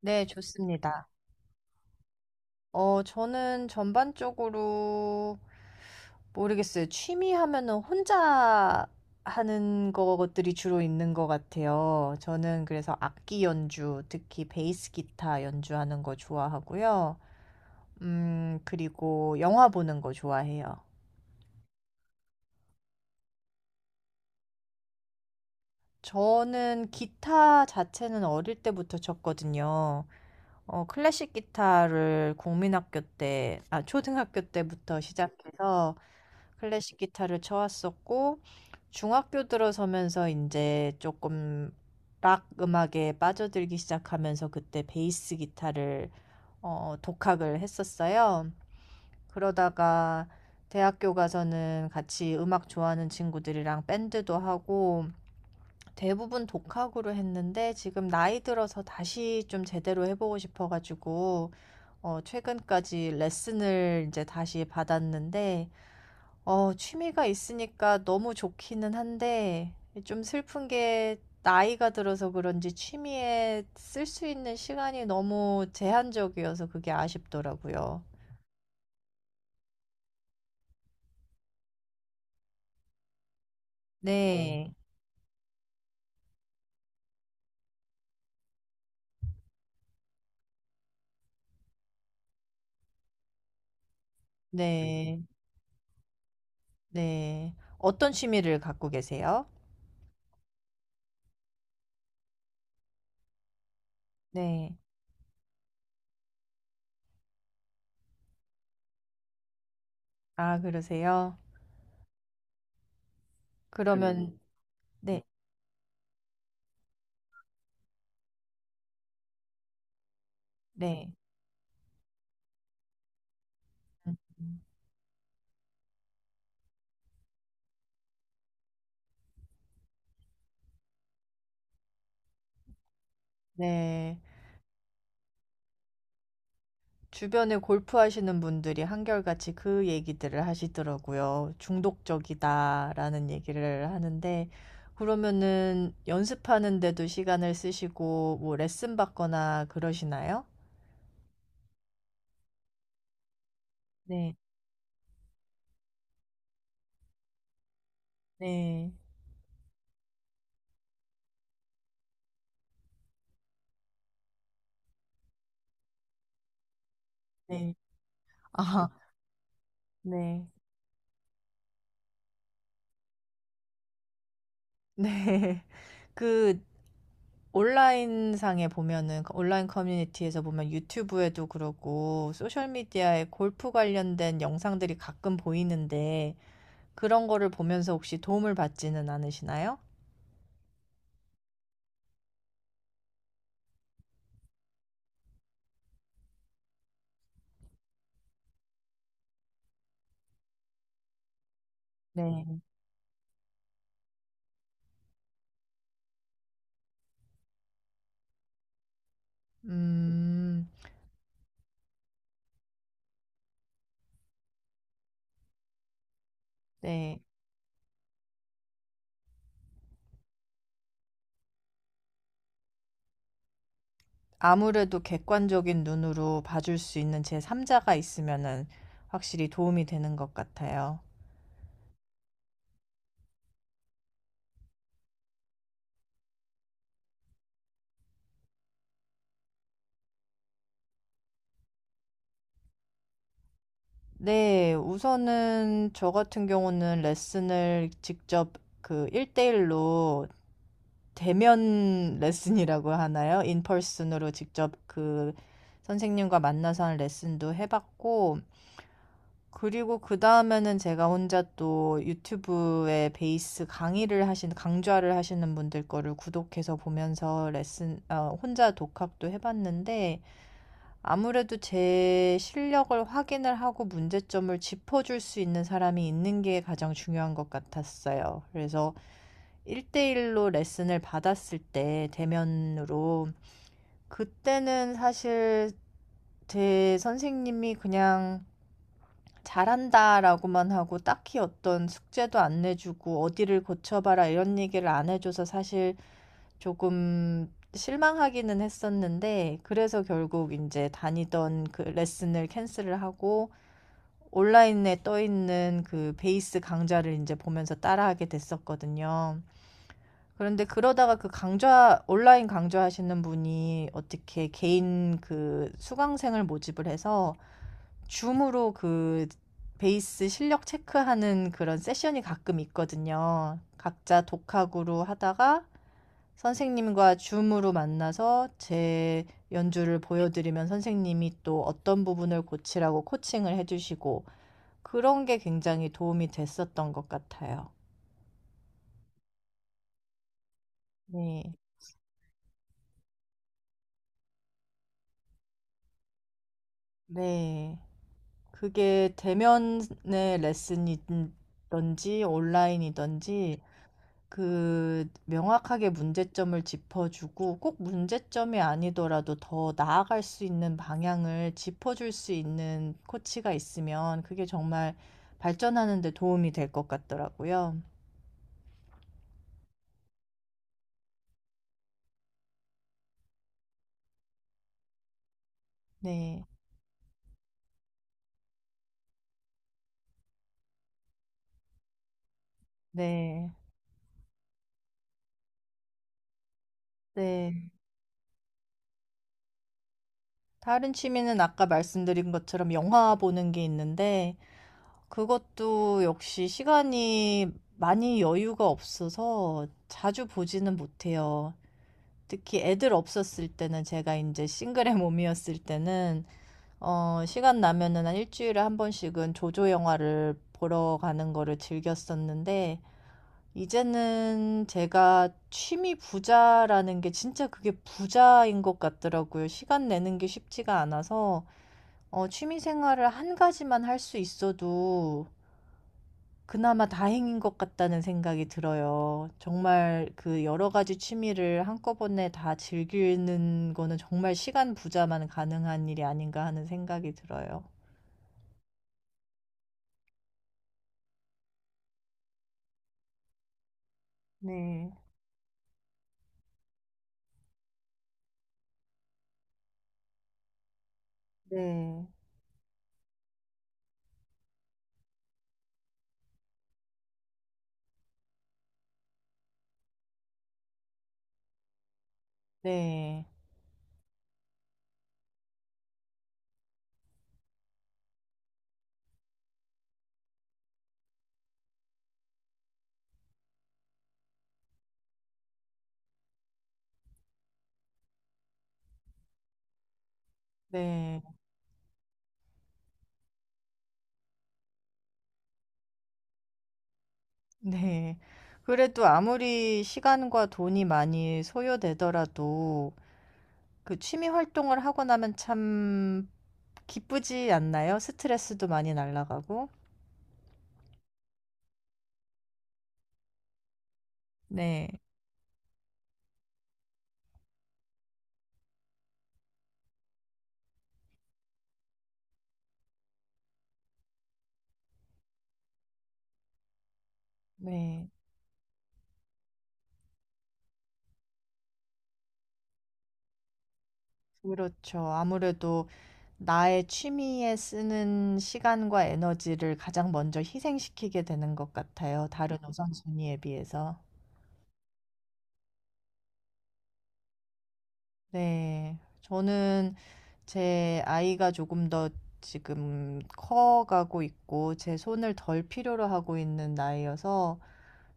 네, 좋습니다. 저는 전반적으로 모르겠어요. 취미 하면은 혼자 하는 것들이 주로 있는 것 같아요. 저는 그래서 악기 연주, 특히 베이스 기타 연주하는 거 좋아하고요. 그리고 영화 보는 거 좋아해요. 저는 기타 자체는 어릴 때부터 쳤거든요. 클래식 기타를 국민학교 때, 아, 초등학교 때부터 시작해서 클래식 기타를 쳐왔었고, 중학교 들어서면서 이제 조금 락 음악에 빠져들기 시작하면서 그때 베이스 기타를 독학을 했었어요. 그러다가 대학교 가서는 같이 음악 좋아하는 친구들이랑 밴드도 하고, 대부분 독학으로 했는데 지금 나이 들어서 다시 좀 제대로 해보고 싶어가지고 최근까지 레슨을 이제 다시 받았는데 취미가 있으니까 너무 좋기는 한데 좀 슬픈 게 나이가 들어서 그런지 취미에 쓸 수 있는 시간이 너무 제한적이어서 그게 아쉽더라고요. 어, 네, 네, 네. 어떤 취미를 갖고 계세요? 네. 아, 그러세요? 그러면 네. 네. 음. 네. 주변에 골프 하시는 분들이 한결같이 그 얘기들을 하시더라고요. 중독적이다라는 얘기를 하는데 그러면은 연습하는데도 시간을 쓰시고 뭐 레슨 받거나 그러시나요? 네. 네. 네. 아. 네. 네. 그 온라인상에 보면은 그 온라인 커뮤니티에서 보면 유튜브에도 그러고 소셜 미디어에 골프 관련된 영상들이 가끔 보이는데 그런 거를 보면서 혹시 도움을 받지는 않으시나요? 네. 음. 네. 아무래도 객관적인 눈으로 봐줄 수 있는 제3자가 있으면은 확실히 도움이 되는 것 같아요. 네. 우선은 저 같은 경우는 레슨을 직접 그대1로 대면 레슨이라고 하나요? 인펄슨으로 직접 그 선생님과 만나서 하는 레슨도 해 봤고 그리고 그 다음에는 제가 혼자 또 유튜브에 베이스 강의를 하신, 강좌를 하시는 분들 거를 구독해서 보면서 레슨, 혼자 독학도 해봤는데, 아무래도 제 실력을 확인을 하고 문제점을 짚어줄 수 있는 사람이 있는 게 가장 중요한 것 같았어요. 그래서 일대일로 레슨을 받았을 때, 대면으로, 그때는 사실 제 선생님이 그냥 잘한다라고만 하고 딱히 어떤 숙제도 안 내주고 어디를 고쳐봐라 이런 얘기를 안 해줘서 사실 조금 실망하기는 했었는데 그래서 결국 이제 다니던 그 레슨을 캔슬을 하고 온라인에 떠 있는 그 베이스 강좌를 이제 보면서 따라하게 됐었거든요. 그런데 그러다가 그 강좌, 온라인 강좌 하시는 분이 어떻게 개인 그 수강생을 모집을 해서 줌으로 그 베이스 실력 체크하는 그런 세션이 가끔 있거든요. 각자 독학으로 하다가 선생님과 줌으로 만나서 제 연주를 보여드리면 선생님이 또 어떤 부분을 고치라고 코칭을 해주시고 그런 게 굉장히 도움이 됐었던 것 같아요. 네. 네. 그게 대면의 레슨이든지 온라인이든지 그 명확하게 문제점을 짚어주고 꼭 문제점이 아니더라도 더 나아갈 수 있는 방향을 짚어줄 수 있는 코치가 있으면 그게 정말 발전하는 데 도움이 될 것 같더라고요. 네. 네. 네. 다른 취미는 아까 말씀드린 것처럼 영화 보는 게 있는데 그것도 역시 시간이 많이 여유가 없어서 자주 보지는 못해요. 특히 애들 없었을 때는 제가 이제 싱글의 몸이었을 때는 시간 나면은 한 일주일에 한 번씩은 조조 영화를 보러 가는 거를 즐겼었는데 이제는 제가 취미 부자라는 게 진짜 그게 부자인 것 같더라고요. 시간 내는 게 쉽지가 않아서 취미 생활을 한 가지만 할 수 있어도 그나마 다행인 것 같다는 생각이 들어요. 정말 그 여러 가지 취미를 한꺼번에 다 즐기는 거는 정말 시간 부자만 가능한 일이 아닌가 하는 생각이 들어요. 네. 네. 네. 네. 네. 그래도 아무리 시간과 돈이 많이 소요되더라도 그 취미 활동을 하고 나면 참 기쁘지 않나요? 스트레스도 많이 날아가고. 네. 네. 그렇죠. 아무래도 나의 취미에 쓰는 시간과 에너지를 가장 먼저 희생시키게 되는 것 같아요. 다른 우선순위에 비해서. 네. 저는 제 아이가 조금 더 지금 커가고 있고 제 손을 덜 필요로 하고 있는 나이여서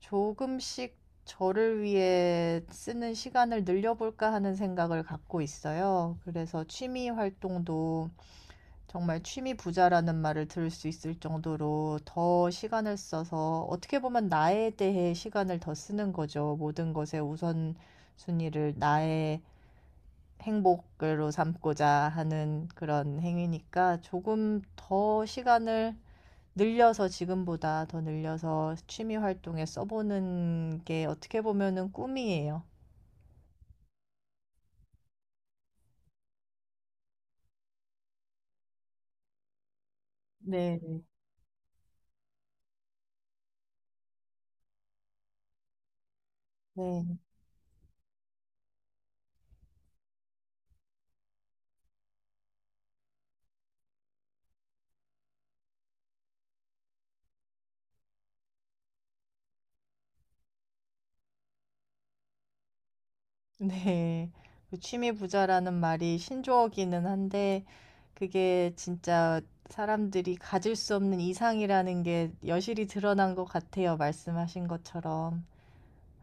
조금씩 저를 위해 쓰는 시간을 늘려볼까 하는 생각을 갖고 있어요. 그래서 취미 활동도 정말 취미 부자라는 말을 들을 수 있을 정도로 더 시간을 써서 어떻게 보면 나에 대해 시간을 더 쓰는 거죠. 모든 것의 우선순위를 나의 행복으로 삼고자 하는 그런 행위니까 조금 더 시간을 늘려서 지금보다 더 늘려서 취미 활동에 써보는 게 어떻게 보면은 꿈이에요. 네. 네. 네. 그 취미 부자라는 말이 신조어기는 한데 그게 진짜 사람들이 가질 수 없는 이상이라는 게 여실히 드러난 것 같아요. 말씀하신 것처럼.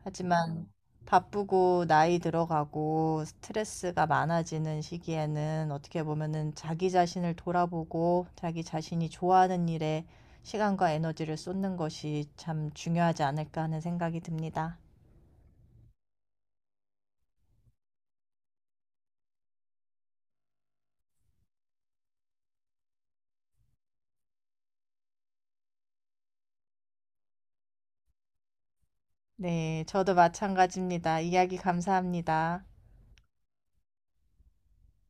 하지만 바쁘고 나이 들어가고 스트레스가 많아지는 시기에는 어떻게 보면은 자기 자신을 돌아보고 자기 자신이 좋아하는 일에 시간과 에너지를 쏟는 것이 참 중요하지 않을까 하는 생각이 듭니다. 네, 저도 마찬가지입니다. 이야기 감사합니다.